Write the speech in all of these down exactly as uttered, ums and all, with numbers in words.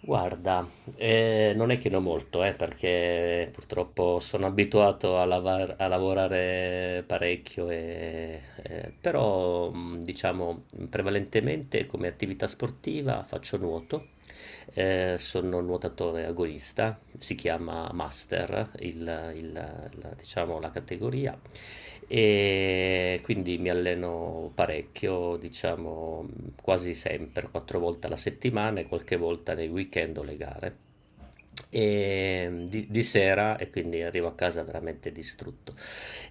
Guarda, eh, non è che ne ho molto, eh, perché purtroppo sono abituato a, lavar- a lavorare parecchio, e- eh, però mh, diciamo prevalentemente come attività sportiva faccio nuoto. eh, sono un nuotatore agonista, si chiama Master il- il- la, diciamo, la categoria. E quindi mi alleno parecchio, diciamo quasi sempre, quattro volte alla settimana e qualche volta nei weekend o le gare. E mm, di, di sera e quindi arrivo a casa veramente distrutto.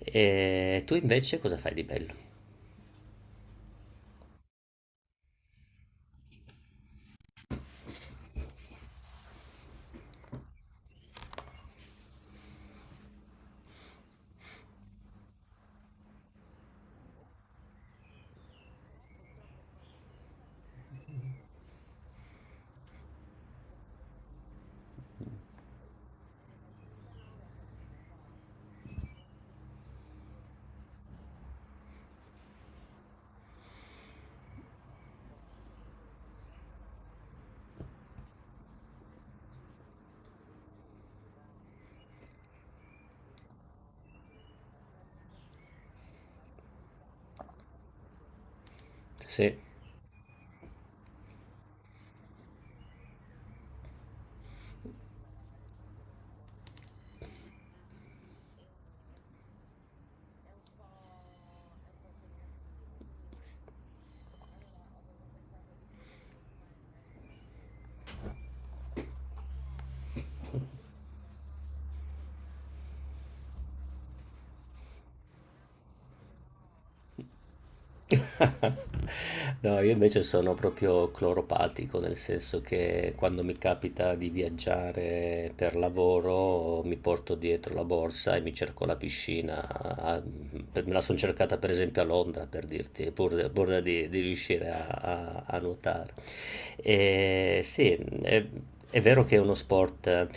E tu invece cosa fai di bello? Sì. No, io invece sono proprio cloropatico, nel senso che quando mi capita di viaggiare per lavoro mi porto dietro la borsa e mi cerco la piscina. a- per- Me la sono cercata per esempio a Londra, per dirti, pur, pur di, di riuscire a, a- a nuotare. E sì, e è vero che è uno sport eh,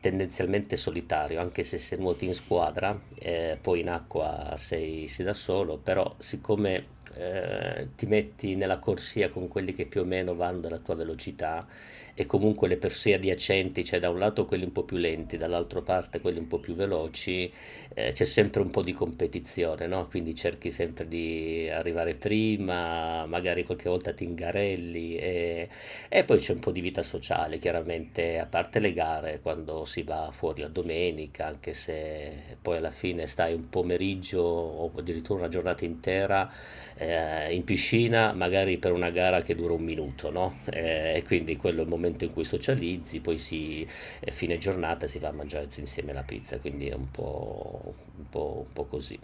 tendenzialmente solitario, anche se se nuoti in squadra, eh, poi in acqua sei, sei da solo, però siccome eh, ti metti nella corsia con quelli che più o meno vanno alla tua velocità e comunque le corsie adiacenti, cioè da un lato quelli un po' più lenti, dall'altra parte quelli un po' più veloci, eh, c'è sempre un po' di competizione, no? Quindi cerchi sempre di arrivare prima, magari qualche volta ti ingarelli e e poi c'è un po' di vita sociale, chiaramente, a parte le gare, quando si va fuori la domenica, anche se poi alla fine stai un pomeriggio o addirittura una giornata intera eh, in piscina, magari per una gara che dura un minuto, no? Eh, e quindi quello è il momento in cui socializzi, poi si, eh, fine giornata si va a mangiare tutti insieme la pizza, quindi è un po', un po', un po' così.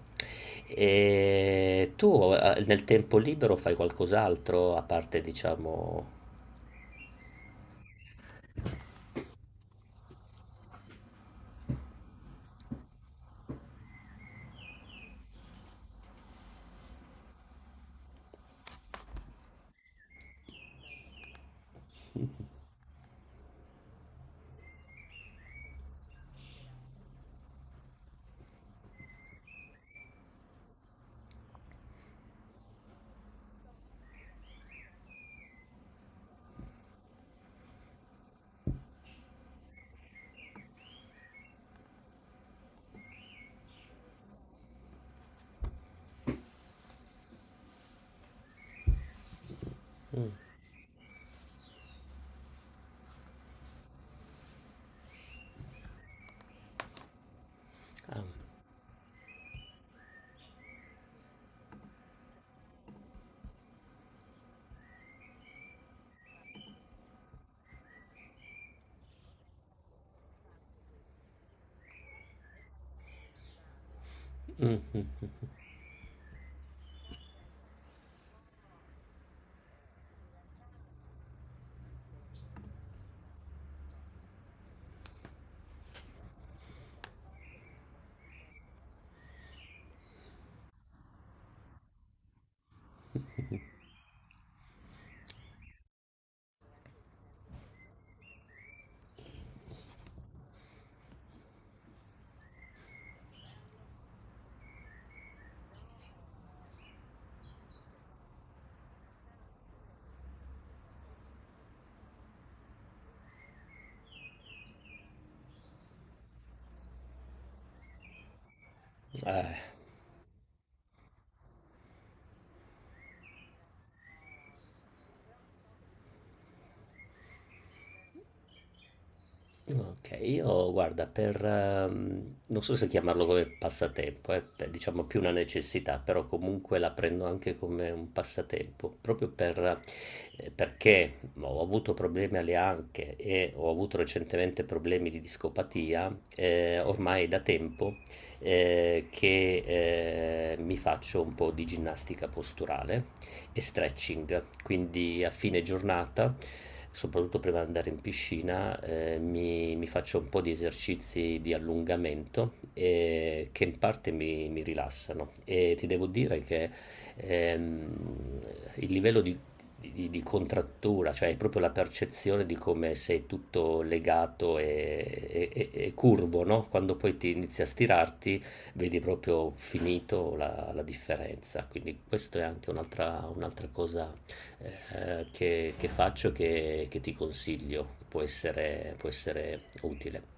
E tu eh, nel tempo libero fai qualcos'altro a parte, diciamo. Ah. Mh-mh. eh, okay, io guarda per ehm, non so se chiamarlo come passatempo, eh, pe diciamo più una necessità, però comunque la prendo anche come un passatempo, proprio per ehm, perché ho avuto problemi alle anche e ho avuto recentemente problemi di discopatia, ehm, ormai da tempo, ehm, che, ehm, mi faccio un po' di ginnastica posturale. E stretching. Quindi a fine giornata, soprattutto prima di andare in piscina, eh, mi, mi faccio un po' di esercizi di allungamento eh, che in parte mi, mi rilassano. E ti devo dire che ehm, il livello di, di- di contrattura, cioè è proprio la percezione di come sei tutto legato e, e- e- e curvo, no? Quando poi ti inizi a stirarti vedi proprio finito la, la differenza. Quindi questa è anche un'altra, un'altra cosa eh, che, che faccio e che, che ti consiglio, può essere, può essere utile.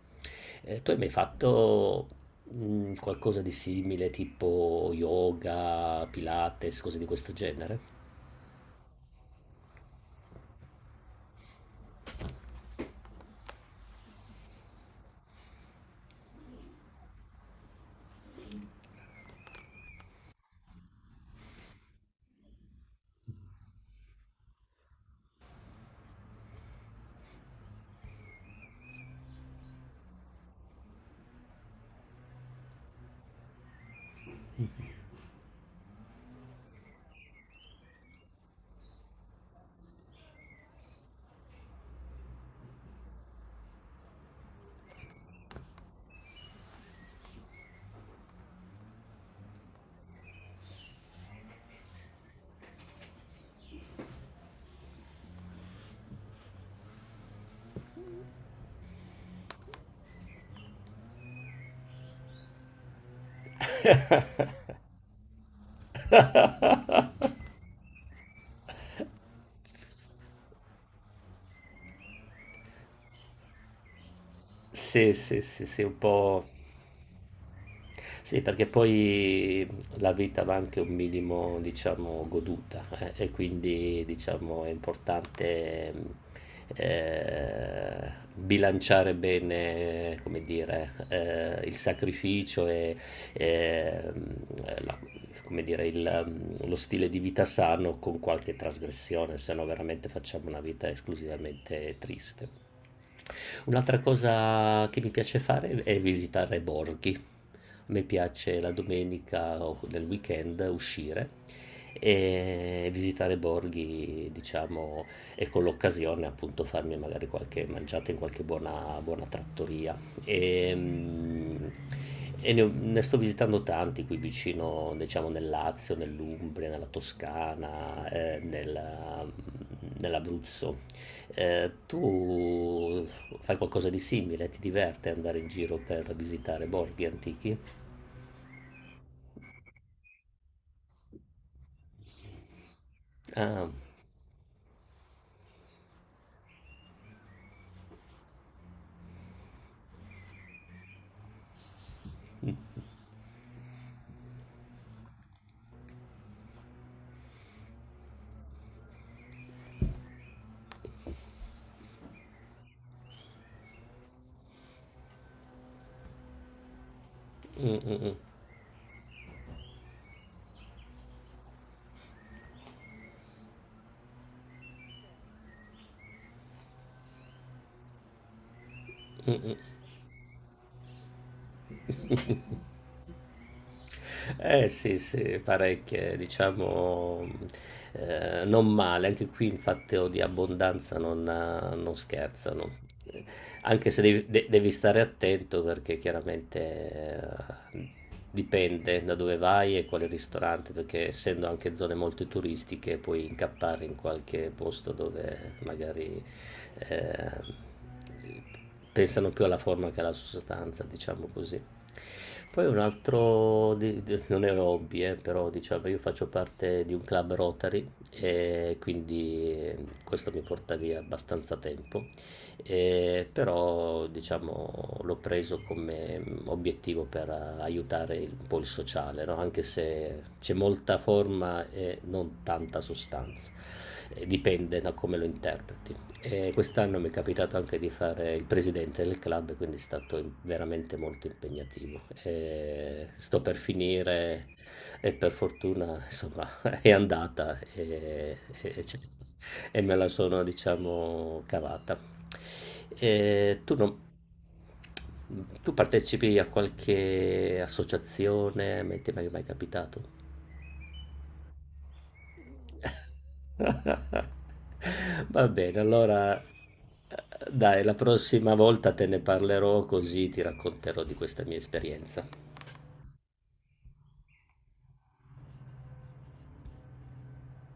Eh, tu hai mai fatto mm, qualcosa di simile, tipo yoga, pilates, cose di questo genere? Sì, sì, sì, sì, un po'. Sì, perché poi la vita va anche un minimo, diciamo, goduta, eh, e quindi, diciamo, è importante mh, eh, bilanciare bene, come dire, eh, il sacrificio e, e, mh, la- come dire, il, mh, lo stile di vita sano con qualche trasgressione, se no veramente facciamo una vita esclusivamente triste. Un'altra cosa che mi piace fare è visitare borghi. A me piace la domenica o nel weekend uscire e visitare borghi, diciamo, e con l'occasione appunto farmi magari qualche mangiata in qualche buona, buona trattoria. E, mm, e ne, ho- ne sto visitando tanti qui vicino, diciamo, nel Lazio, nell'Umbria, nella Toscana, eh, nel- nell'Abruzzo. Eh, tu fai qualcosa di simile? Ti diverte andare in giro per visitare borghi antichi? Ah. Mm, mm, mm. Eh sì, sì, parecchie, diciamo, eh, non male. Anche qui il fatto di abbondanza non, ha- non scherzano. Eh, Anche se devi, de- devi stare attento perché chiaramente eh, dipende da dove vai e quale ristorante, perché essendo anche zone molto turistiche puoi incappare in qualche posto dove magari eh, pensano più alla forma che alla sostanza, diciamo così. Poi un altro, di- di- non è hobby, eh, però diciamo io faccio parte di un club Rotary e quindi eh, questo mi porta via abbastanza tempo. Eh, però diciamo l'ho preso come mm, obiettivo per eh, aiutare il- un po' il sociale, no? Anche se c'è molta forma e non tanta sostanza. Eh, dipende da come lo interpreti. E quest'anno mi è capitato anche di fare il presidente del club, quindi è stato in- veramente molto impegnativo. E sto per finire e per fortuna, insomma, è andata e, e- e- e me la sono, diciamo, cavata. E tu, non- tu partecipi a qualche associazione? Mai- Ti è mai mai capitato? Va bene, allora eh, dai, la prossima volta te ne parlerò così ti racconterò di questa mia esperienza.